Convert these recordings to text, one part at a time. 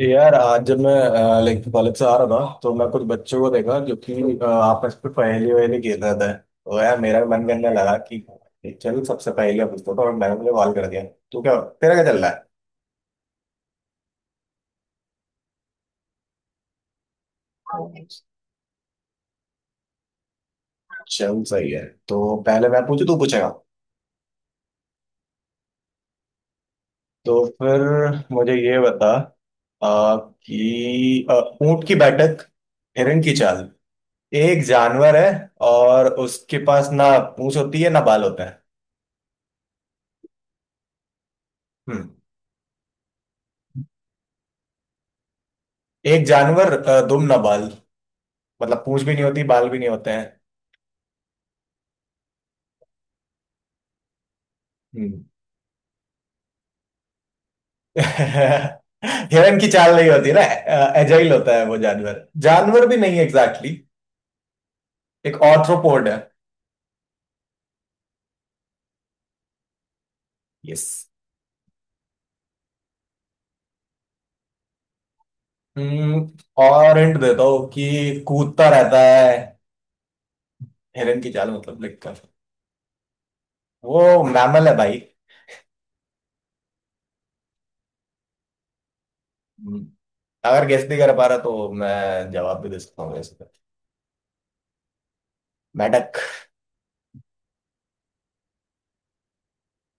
यार, आज जब मैं कॉलेज से आ रहा था तो मैं कुछ बच्चों को देखा जो कि आपस में पहेली वहेली खेल रहे थे। तो यार, मेरा भी मन करने लगा कि चल सबसे पहेलियां पूछता हूँ और मैंने मुझे कॉल कर दिया। तो क्या तेरा क्या चल रहा है। चल सही है। तो पहले मैं पूछू, तू पूछेगा। तो फिर मुझे ये बता अ, कि ऊंट की बैठक, हिरण की चाल, एक जानवर है और उसके पास ना पूंछ होती है, ना बाल होता है। हम्म। एक जानवर, दुम ना बाल, मतलब पूंछ भी नहीं होती, बाल भी नहीं होते हैं। हम्म। हिरन की चाल नहीं होती ना। एजाइल होता है वो। जानवर जानवर भी नहीं एग्जैक्टली एक ऑर्थ्रोपोड है। यस। और हिंट देता हूँ कि कूदता रहता है, हिरन की चाल मतलब लिखकर। वो मैमल है भाई। हम्म, अगर गेस नहीं कर पा रहा तो मैं जवाब भी दे सकता हूँ इस पे। मेंढक।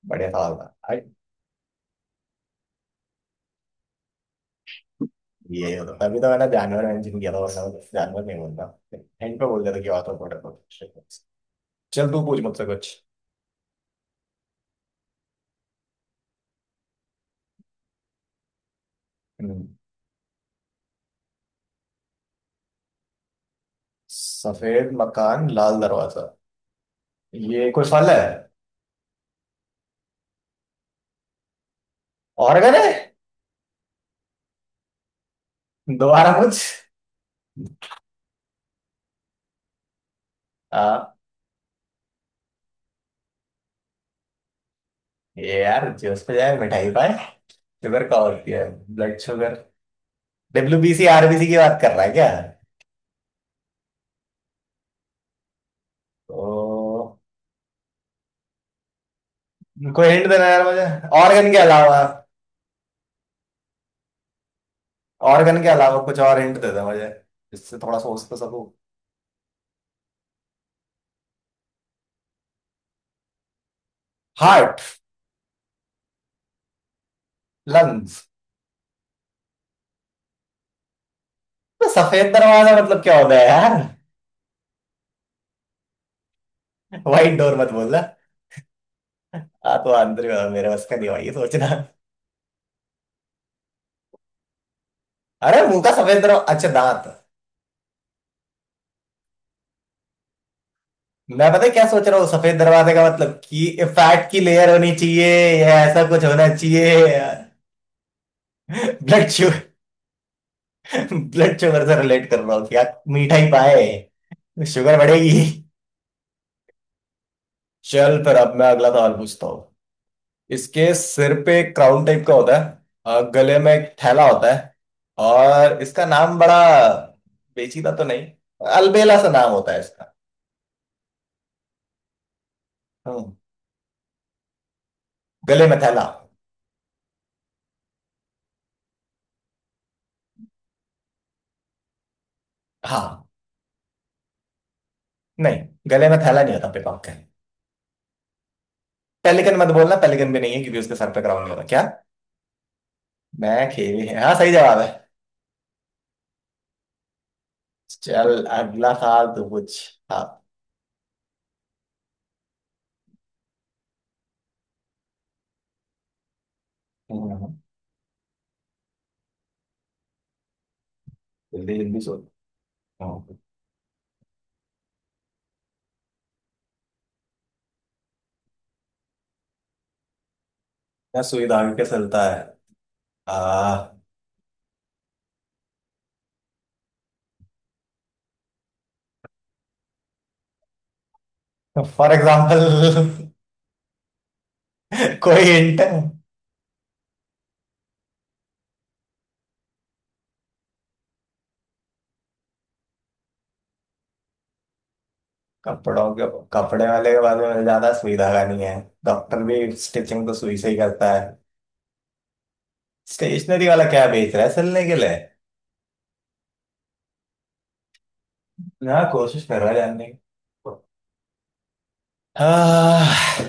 बढ़िया सवाल था भाई। ये होता, तभी तो मैंने जानवर मेंशन किया था, वरना मैं जानवर नहीं बोलता, हिंट पे बोल देता कि ऑर्थ्रोपोड है। तो। चल, तू पूछ मुझसे कुछ। हम्म, सफेद मकान लाल दरवाजा, ये कोई फल है। ऑर्गन है। दोबारा पूछ। हाँ। ये यार जो उस पे जाए मिठाई पाए, शुगर का होती है, ब्लड शुगर। डब्ल्यू आरबीसी की बात कर रहा है क्या। तो कोई हिंट देना यार मुझे, ऑर्गन के अलावा। ऑर्गन के अलावा कुछ और हिंट दे दे मुझे, जिससे थोड़ा सोच तो सकूं। हार्ट। लंग्स। सफेद दरवाजा मतलब क्या होता है यार। वाइट डोर मत बोलना। हाँ तो आंतरिक मेरे बस का नहीं हुआ ये सोचना। अरे, मुंह का सफेद दरवाजा, अच्छा दांत। मैं, पता है क्या सोच रहा हूँ? सफेद दरवाजे का मतलब कि फैट की लेयर होनी चाहिए या ऐसा कुछ होना चाहिए। ब्लड शुगर, ब्लड शुगर से रिलेट कर रहा हूँ क्या। मीठा ही पाए, शुगर बढ़ेगी। चल फिर, अब मैं अगला सवाल पूछता हूँ। इसके सिर पे एक क्राउन टाइप का होता है और गले में एक थैला होता है। और इसका नाम बड़ा पेचीदा तो नहीं, अलबेला सा नाम होता है इसका। हम्म, गले में थैला। हाँ। नहीं, गले में थैला नहीं होता पिकॉक के। पेलिकन मत बोलना, पेलिकन भी नहीं है क्योंकि उसके सर पे क्राउन नहीं होता क्या। मैं खेली है। हाँ, सही जवाब है। चल, अगला सवाल तू पूछ। हाँ। हम्म, जल्दी जल्दी सोच। हाँ। क्या सुई धागे के चलता है? आ फॉर एग्जाम्पल। कोई हिंट। कपड़ों के? कपड़े वाले के पास में मिल जाता है, सुई धागा नहीं है। डॉक्टर भी स्टिचिंग तो सुई से ही करता है। स्टेशनरी वाला क्या बेच रहा है सिलने के लिए? हाँ, कोशिश कर रहा है जानने की। हाँ,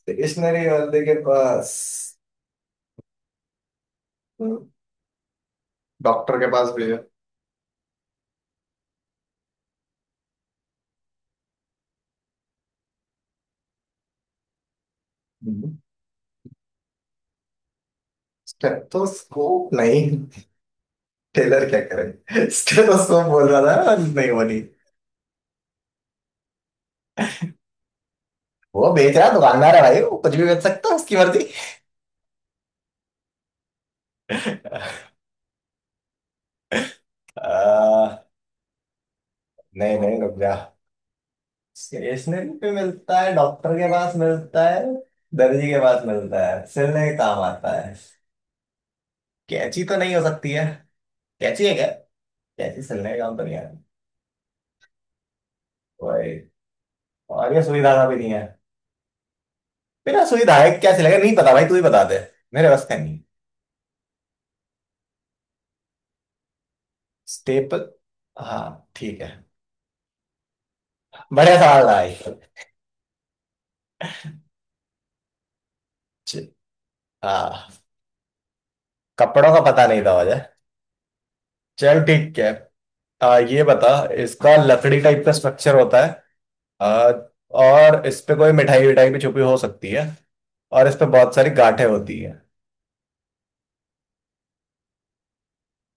स्टेशनरी वाले के पास? डॉक्टर के पास भेजा। स्टेथोस्कोप नहीं? टेलर क्या करे स्टेथोस्कोप बोल रहा था। नहीं वो नहीं। वो बेच रहा, दुकानदार है भाई, वो कुछ भी बेच सकता है, उसकी मर्जी। आ, नहीं नहीं, रुक जा। स्टेशनरी पे मिलता है, डॉक्टर के पास मिलता है, दर्जी के पास मिलता है, सिलने के काम आता है। कैंची तो नहीं हो सकती है। कैंची है क्या? कैंची सिलने के काम तो नहीं है। वही, और ये सुई धागा भी नहीं है। बिना सुई धागे क्या सिलेगा? नहीं पता भाई, तू ही बता दे, मेरे बस का नहीं है। स्टेपल। हाँ, ठीक है, बढ़िया सवाल था भाई। च- हाँ, कपड़ों का पता नहीं था मुझे। चल ठीक है। ये बता, इसका लकड़ी टाइप का स्ट्रक्चर होता है। आ, और इस पे कोई मिठाई विठाई भी छुपी हो सकती है, और इस पे बहुत सारी गांठें होती है।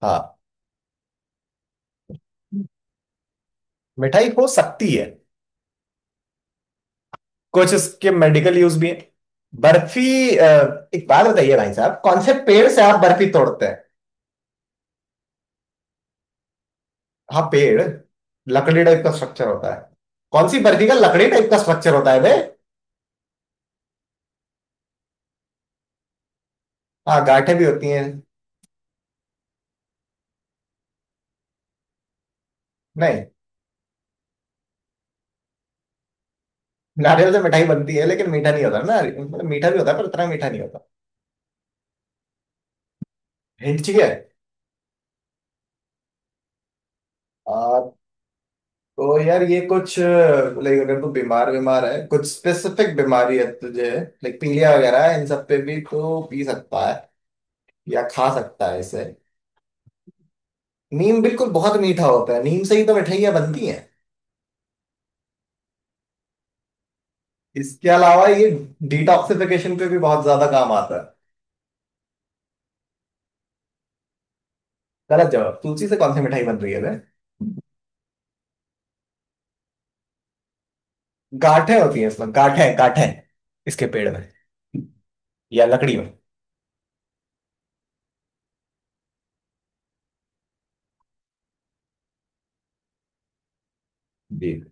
हाँ, मिठाई हो सकती है। कुछ इसके मेडिकल यूज भी है। बर्फी? एक बात बताइए भाई साहब, कौन से पेड़ से आप बर्फी तोड़ते? हाँ, पेड़। लकड़ी टाइप का स्ट्रक्चर होता है। कौन सी बर्फी का लकड़ी टाइप का स्ट्रक्चर होता है बे? हाँ, गांठें भी होती हैं। नहीं। नारियल से मिठाई बनती है लेकिन मीठा नहीं होता ना, मतलब मीठा भी होता है पर इतना मीठा नहीं होता। हिंट चाहिए? आ, तो यार ये कुछ अगर तू बीमार बीमार है, कुछ स्पेसिफिक बीमारी है तुझे, पीलिया वगैरह है, इन सब पे भी तो पी सकता है या खा सकता है इसे। नीम? बिल्कुल, बहुत मीठा होता है, नीम से ही तो मिठाइयाँ बनती हैं। इसके अलावा ये डिटॉक्सिफिकेशन पे भी बहुत ज्यादा काम आता है। गलत जवाब, तुलसी से कौन सी मिठाई बन रही है बे? गांठें होती है इसमें, गांठें गांठें, इसके पेड़ में या लकड़ी में। जी।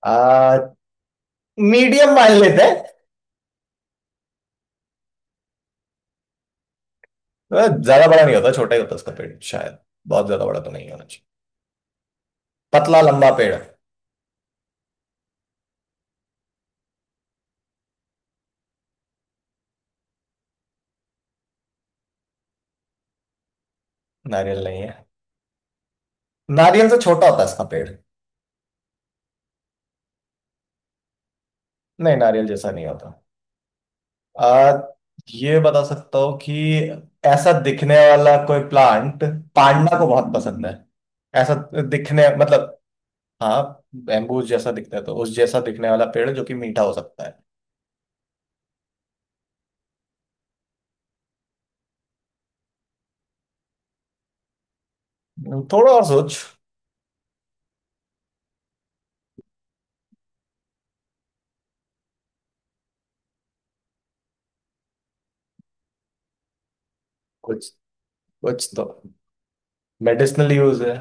आ, मीडियम मान लेते हैं। ज्यादा बड़ा नहीं होता, छोटा ही होता उसका पेड़ शायद, बहुत ज्यादा बड़ा तो नहीं होना चाहिए। पतला लंबा पेड़ है। नारियल नहीं है। नारियल से छोटा होता है इसका पेड़। नहीं नारियल जैसा नहीं होता। आ, ये बता सकता हूँ कि ऐसा दिखने वाला कोई प्लांट पांडा को बहुत पसंद है, ऐसा। दिखने मतलब, हाँ बैम्बू जैसा दिखता है, तो उस जैसा दिखने वाला पेड़ जो कि मीठा हो सकता है। थोड़ा और सोच। कुछ, कुछ तो मेडिसिनल यूज है।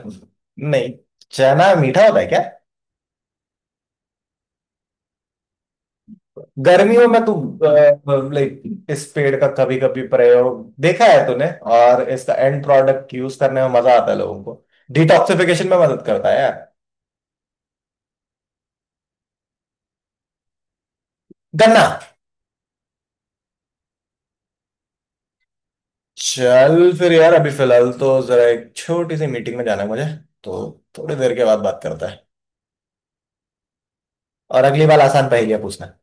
नहीं। चना मीठा होता है क्या? गर्मियों में तू, लाइक इस पेड़ का कभी कभी प्रयोग देखा है तूने, और इसका एंड प्रोडक्ट यूज करने में मजा आता है लोगों को, डिटॉक्सिफिकेशन में मदद करता है यार। गन्ना। चल फिर यार, अभी फिलहाल तो जरा एक छोटी सी मीटिंग में जाना है मुझे, तो थोड़ी देर के बाद बात करता है। और अगली बार आसान पहेलियां पूछना।